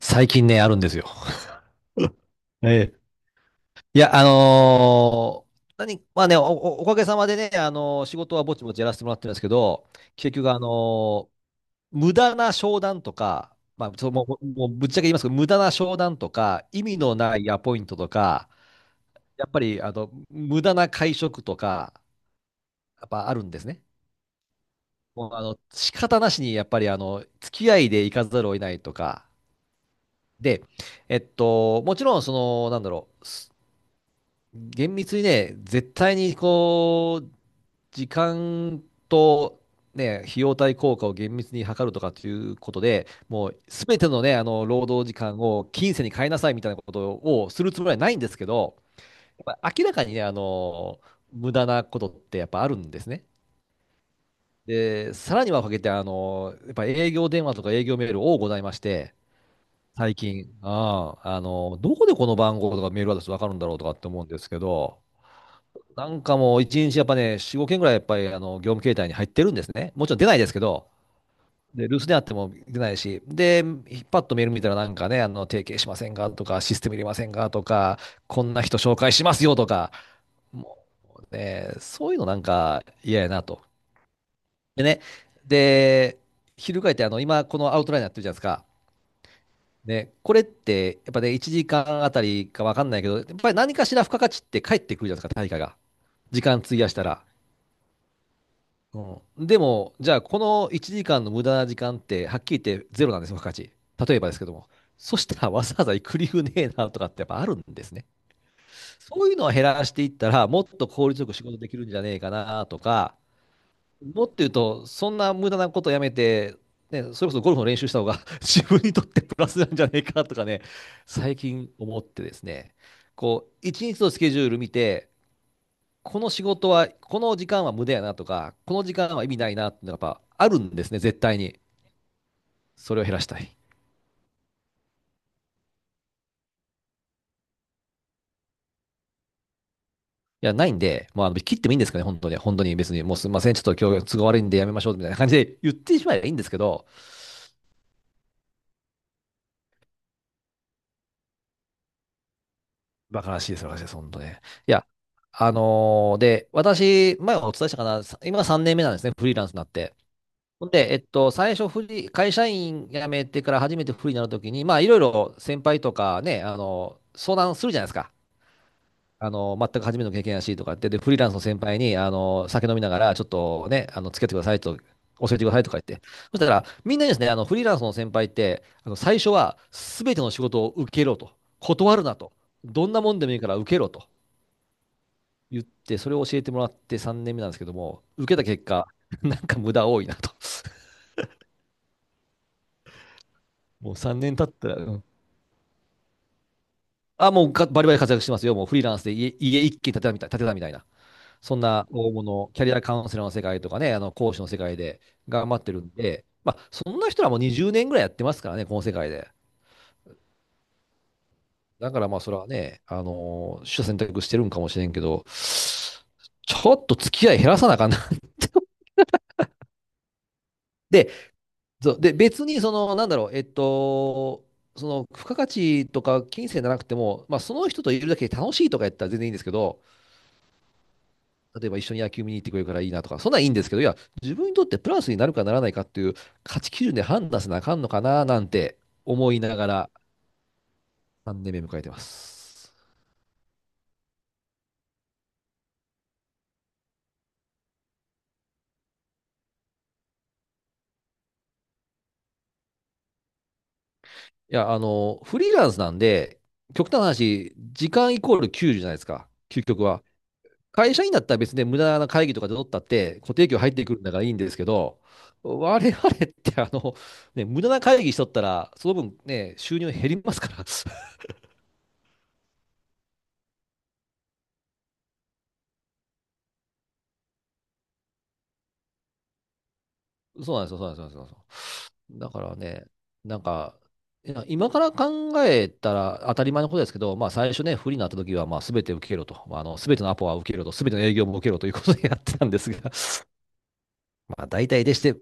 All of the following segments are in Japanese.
最近ね、あるんですよ。ええ。いや、あのー何、まあね、お、おかげさまでね、仕事はぼちぼちやらせてもらってるんですけど、結局、無駄な商談とか、もうぶっちゃけ言いますけど、無駄な商談とか、意味のないアポイントとか、やっぱり、無駄な会食とか、やっぱあるんですね。もう、仕方なしに、やっぱり、付き合いで行かざるを得ないとか、で、もちろん、その、なんだろう、厳密にね、絶対にこう、時間と、ね、費用対効果を厳密に測るとかっていうことで、もうすべてのね、あの労働時間を金銭に変えなさいみたいなことをするつもりはないんですけど、やっぱ明らかにね、あの、無駄なことってやっぱあるんですね。で、さらにはかけて、あの、やっぱ営業電話とか営業メール多ございまして、最近、ああ、あの、どこでこの番号とかメールアドレスわかるんだろうとかって思うんですけど、なんかもう一日やっぱね、4、5件ぐらいやっぱりあの業務形態に入ってるんですね。もちろん出ないですけど、で、留守であっても出ないし、で、パッとメール見たらなんかね、あの、提携しませんかとか、システム入れませんかとか、こんな人紹介しますよとか、もうね、そういうのなんか嫌やなと。でね、で、翻ってあの、今このアウトラインやってるじゃないですか。ね、これってやっぱね、1時間あたりかわかんないけど、やっぱり何かしら付加価値って返ってくるじゃないですか、対価が。時間費やしたら。うん、でも、じゃあ、この1時間の無駄な時間って、はっきり言ってゼロなんですよ、付加価値。例えばですけども。そしたら、わざわざ行く理由ねえなとかってやっぱあるんですね。そういうのを減らしていったら、もっと効率よく仕事できるんじゃねえかなとか、もっと言うと、そんな無駄なことやめて、ね、それこそゴルフの練習した方が 自分にとってプラスなんじゃねえかとかね、最近思ってですね、こう、一日のスケジュール見て、この仕事は、この時間は無駄やなとか、この時間は意味ないなっていうのがやっぱあるんですね、絶対に。それを減らしたい。いや、ないんで、まあ、あの切ってもいいんですかね、本当に。本当に別に、もうすみません、ちょっと今日都合悪いんでやめましょうみたいな感じで言ってしまえばいいんですけど、バカらしいです、バカらしいです、本当ね。いや、あのーで、私、前お伝えしたかな、今3年目なんですね、フリーランスになって。ほんで、最初フリー、会社員辞めてから初めてフリーになるときに、まあ、いろいろ先輩とかね、あの、相談するじゃないですか。あの、全く初めての経験やしとかって、で、フリーランスの先輩に、あの、酒飲みながら、ちょっとね、あの、付き合ってくださいと、教えてくださいとか言って。そしたら、みんなにですね、あの、フリーランスの先輩って、あの、最初は、すべての仕事を受けろと。断るなと。どんなもんでもいいから受けろと言って、それを教えてもらって3年目なんですけども、受けた結果、なんか無駄多いなと。もう3年経ったら、うん。あ、もうバリバリ活躍してますよ。もうフリーランスで家一軒建てたみたいな。そんな大物、キャリアカウンセラーの世界とかね、あの講師の世界で頑張ってるんで、まあ、そんな人らもにじゅう20年ぐらいやってますからね、この世界で。だからまあ、それはね、取捨選択してるんかもしれんけど、ちょっと付き合い減らさなあかんな。で、そうで、別にその、なんだろう、その付加価値とか金銭じゃなくても、まあ、その人といるだけで楽しいとかやったら全然いいんですけど、例えば一緒に野球見に行ってくれるからいいなとか、そんなんいいんですけど、いや、自分にとってプラスになるかならないかっていう価値基準で判断せなあかんのかななんて思いながら3年目迎えてます。いや、あの、フリーランスなんで、極端な話、時間イコール給料じゅうじゃないですか、究極は。会社員だったら別に無駄な会議とかで取ったって固定給入ってくるんだからいいんですけど、我々ってあの、ね、無駄な会議しとったら、その分ね、収入減りますから。そうなんですよ、そうなんですよ、そうなんですよ。だからね、なんか、いや今から考えたら当たり前のことですけど、まあ最初ね、不利になった時は、まあ全て受けろと、まあ、あの全てのアポは受けろと、全ての営業も受けろということでやってたんですが、まあ大体でして、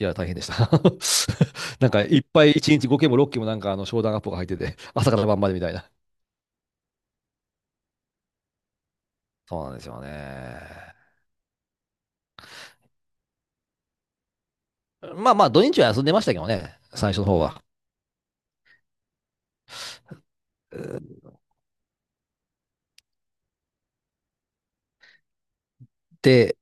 いや、大変でした。なんかいっぱい1日5件も6件もなんかあの商談アポが入ってて、朝から晩までみたいな。そうなんですよね。まあまあ土日は休んでましたけどね、最初の方は。で、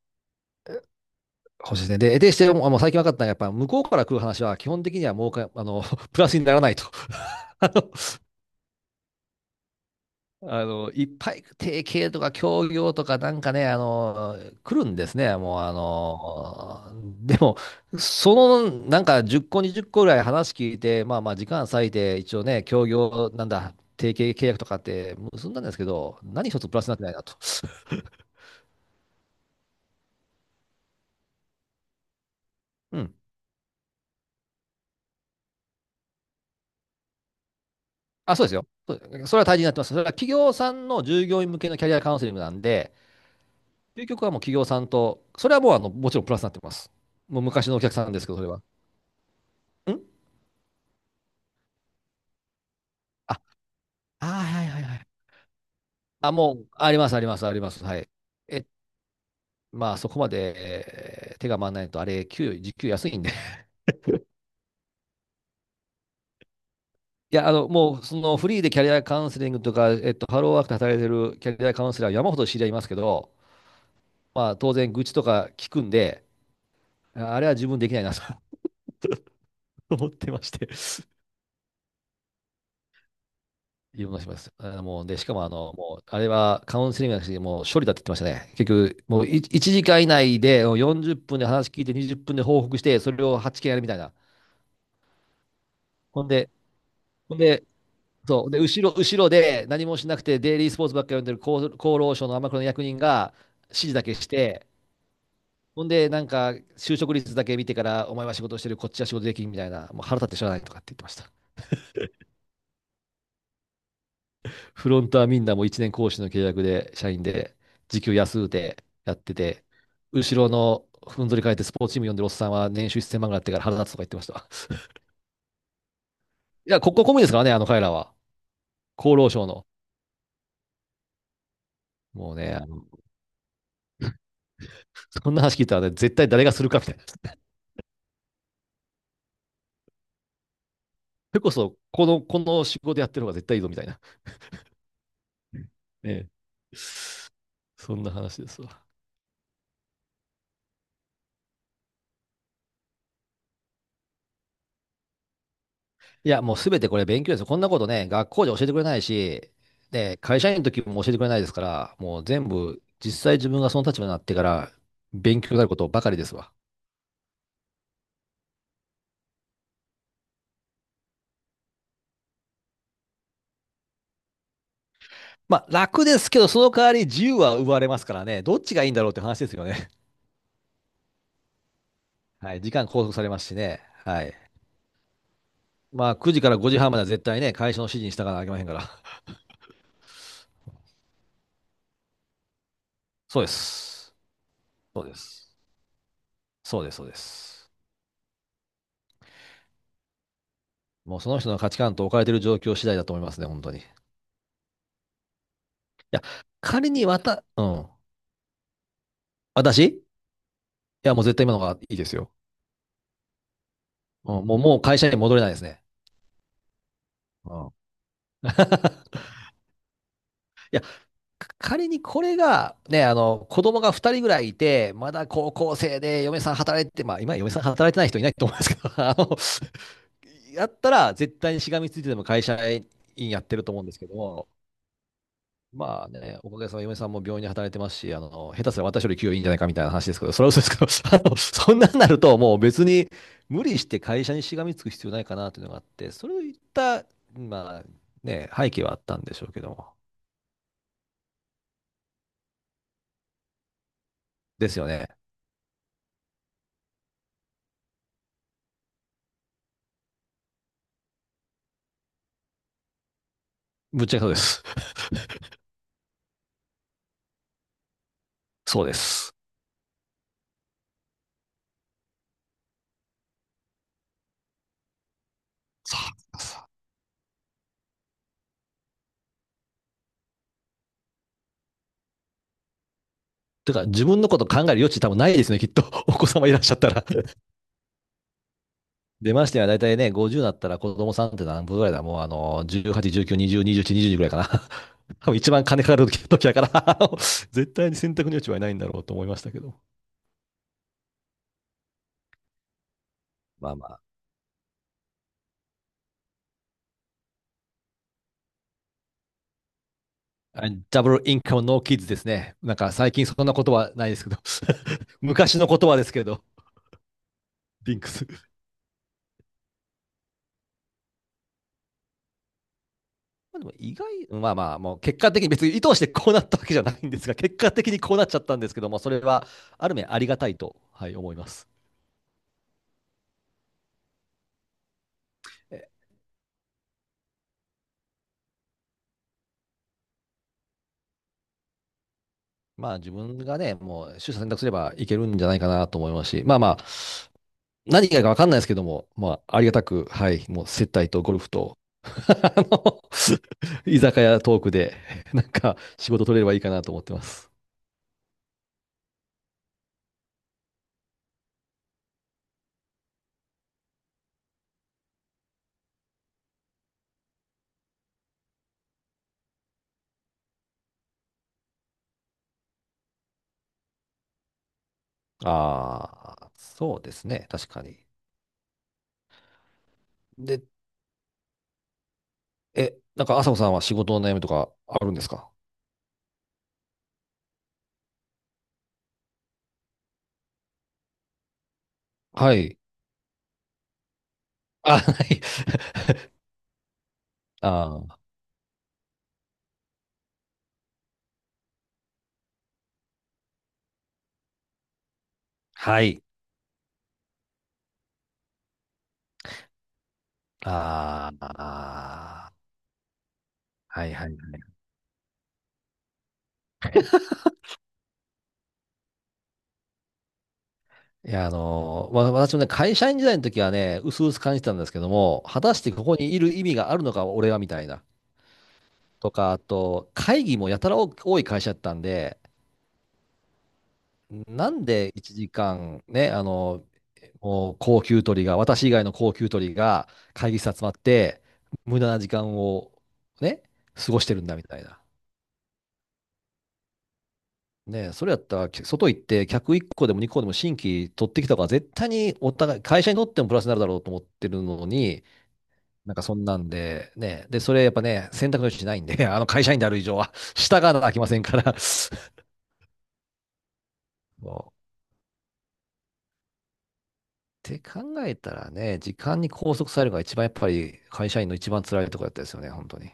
そうですね。でして、もうあの最近分かったのは、やっぱ向こうから来る話は、基本的にはもうか、あの、プラスにならないと。あの、あのいっぱい提携とか協業とかなんかね、あの、来るんですね。もう、あの、でも、その、なんか10個、20個ぐらい話聞いて、まあまあ、時間割いて、一応ね、協業、なんだ、提携契約とかって結んだんですけど、何一つプラスになってないなと。うん。あ、そうですよ。そう、それは大事になってます。それは企業さんの従業員向けのキャリアカウンセリングなんで、究極はもう企業さんと、それはもうあのもちろんプラスになってます。もう昔のお客さんですけど、それは。ん。あ、あー、はいはいはい。あ、もう、あります、あります、あります。はい。え、まあ、そこまで、手が回らないと、あれ、給与、時給安いんで。いや、あの、もう、その、フリーでキャリアカウンセリングとか、ハローワークで働いてるキャリアカウンセラー、山ほど知り合いますけど、まあ、当然、愚痴とか聞くんで、ああれは自分できないなと 思ってまして、いろんなします。あのもう、で、しかも、あの、もう、あれはカウンセリングなしに、もう処理だって言ってましたね。結局、もう1時間以内で40分で話聞いて、20分で報告して、それを8件やるみたいな。ほんで、ほんで、そう、で、後ろで何もしなくて、デイリースポーツばっかり読んでる厚労省の天黒の役人が指示だけして、ほんで、なんか、就職率だけ見てから、お前は仕事してる、こっちは仕事できんみたいな、もう腹立ってしゃあないとかって言ってました。フロントはみんなもう1年講師の契約で、社員で、時給安うてやってて、後ろのふんぞり返ってスポーツチーム呼んでるおっさんは年収1000万ぐらいあってから腹立つとか言ってましたわ。いや、国家公務員ですからね、あの彼らは。厚労省の。もうね、そんな話聞いたらね、絶対誰がするかみたいな。それこそ、この仕事やってる方が絶対いいぞみたいな。ね、そんな話ですわ。いや、もうすべてこれ勉強ですよ。こんなことね、学校で教えてくれないし、で、会社員の時も教えてくれないですから、もう全部、実際自分がその立場になってから勉強になることばかりですわ。まあ、楽ですけど、その代わり自由は奪われますからね、どっちがいいんだろうって話ですよね。はい、時間拘束されますしね。はい。まあ、9時から5時半までは絶対ね、会社の指示に従わなきゃいけませんから。そうです。そうです。そうです、そうです。もうその人の価値観と置かれている状況次第だと思いますね、本当に。いや、仮にわた、うん。私いや、もう絶対今のがいいですよ。うん、もう会社に戻れないですね。うん。 いや、仮にこれが、ね、あの、子供が2人ぐらいいて、まだ高校生で嫁さん働いて、まあ、今、嫁さん働いてない人いないと思いますけど、あの、やったら、絶対にしがみついてでも会社員やってると思うんですけど、まあね、おかげさまで嫁さんも病院で働いてますし、あの、下手すら私より給与いいんじゃないかみたいな話ですけど、それは嘘ですけど、あの、そんなんなるともう別に無理して会社にしがみつく必要ないかなというのがあって、それを言った、まあね、背景はあったんでしょうけども。ですよね。ぶっちゃけそうです。そうです。そう。てか、自分のこと考える余地多分ないですね、きっと。お子様いらっしゃったら。出ましてはだいたいね、50になったら子供さんって何分ぐらいだもうあの、18、19、20、21、22ぐらいかな。多分一番金かかる時だから 絶対に選択の余地はいないんだろうと思いましたけど。まあまあ。ダブルインカムノーキッズですね。なんか最近そんな言葉ないですけど。 昔の言葉ですけど、リンクス。まあでも意外、まあまあ、もう結果的に別に意図してこうなったわけじゃないんですが、結果的にこうなっちゃったんですけども、それはある面ありがたいと、はい、思います。まあ自分がね、もう取捨選択すればいけるんじゃないかなと思いますし、まあまあ、何がいいかわかんないですけども、まあありがたく、はい、もう接待とゴルフと、あの 居酒屋トークで、なんか仕事取れればいいかなと思ってます。ああ、そうですね、確かに。で、え、なんか朝子さんは仕事の悩みとかあるんですか？はい。あ、はい。あー、はい。ああ、はいはいはい。いや、あのーまあ、私もね、会社員時代の時はね、うすうす感じてたんですけども、果たしてここにいる意味があるのか、俺はみたいな。とか、あと、会議もやたら多い会社だったんで、なんで1時間ね、もう高給取りが、私以外の高給取りが会議室集まって、無駄な時間をね、過ごしてるんだみたいな。ね、それやったら、外行って客1個でも2個でも新規取ってきた方が絶対にお互い、会社にとってもプラスになるだろうと思ってるのに、なんかそんなんで、ね。で、それやっぱね、選択の余地ないんで、あの会社員である以上は、従わなきゃいけませんから。そうって考えたらね、時間に拘束されるのが一番やっぱり会社員の一番辛いところだったですよね、本当に。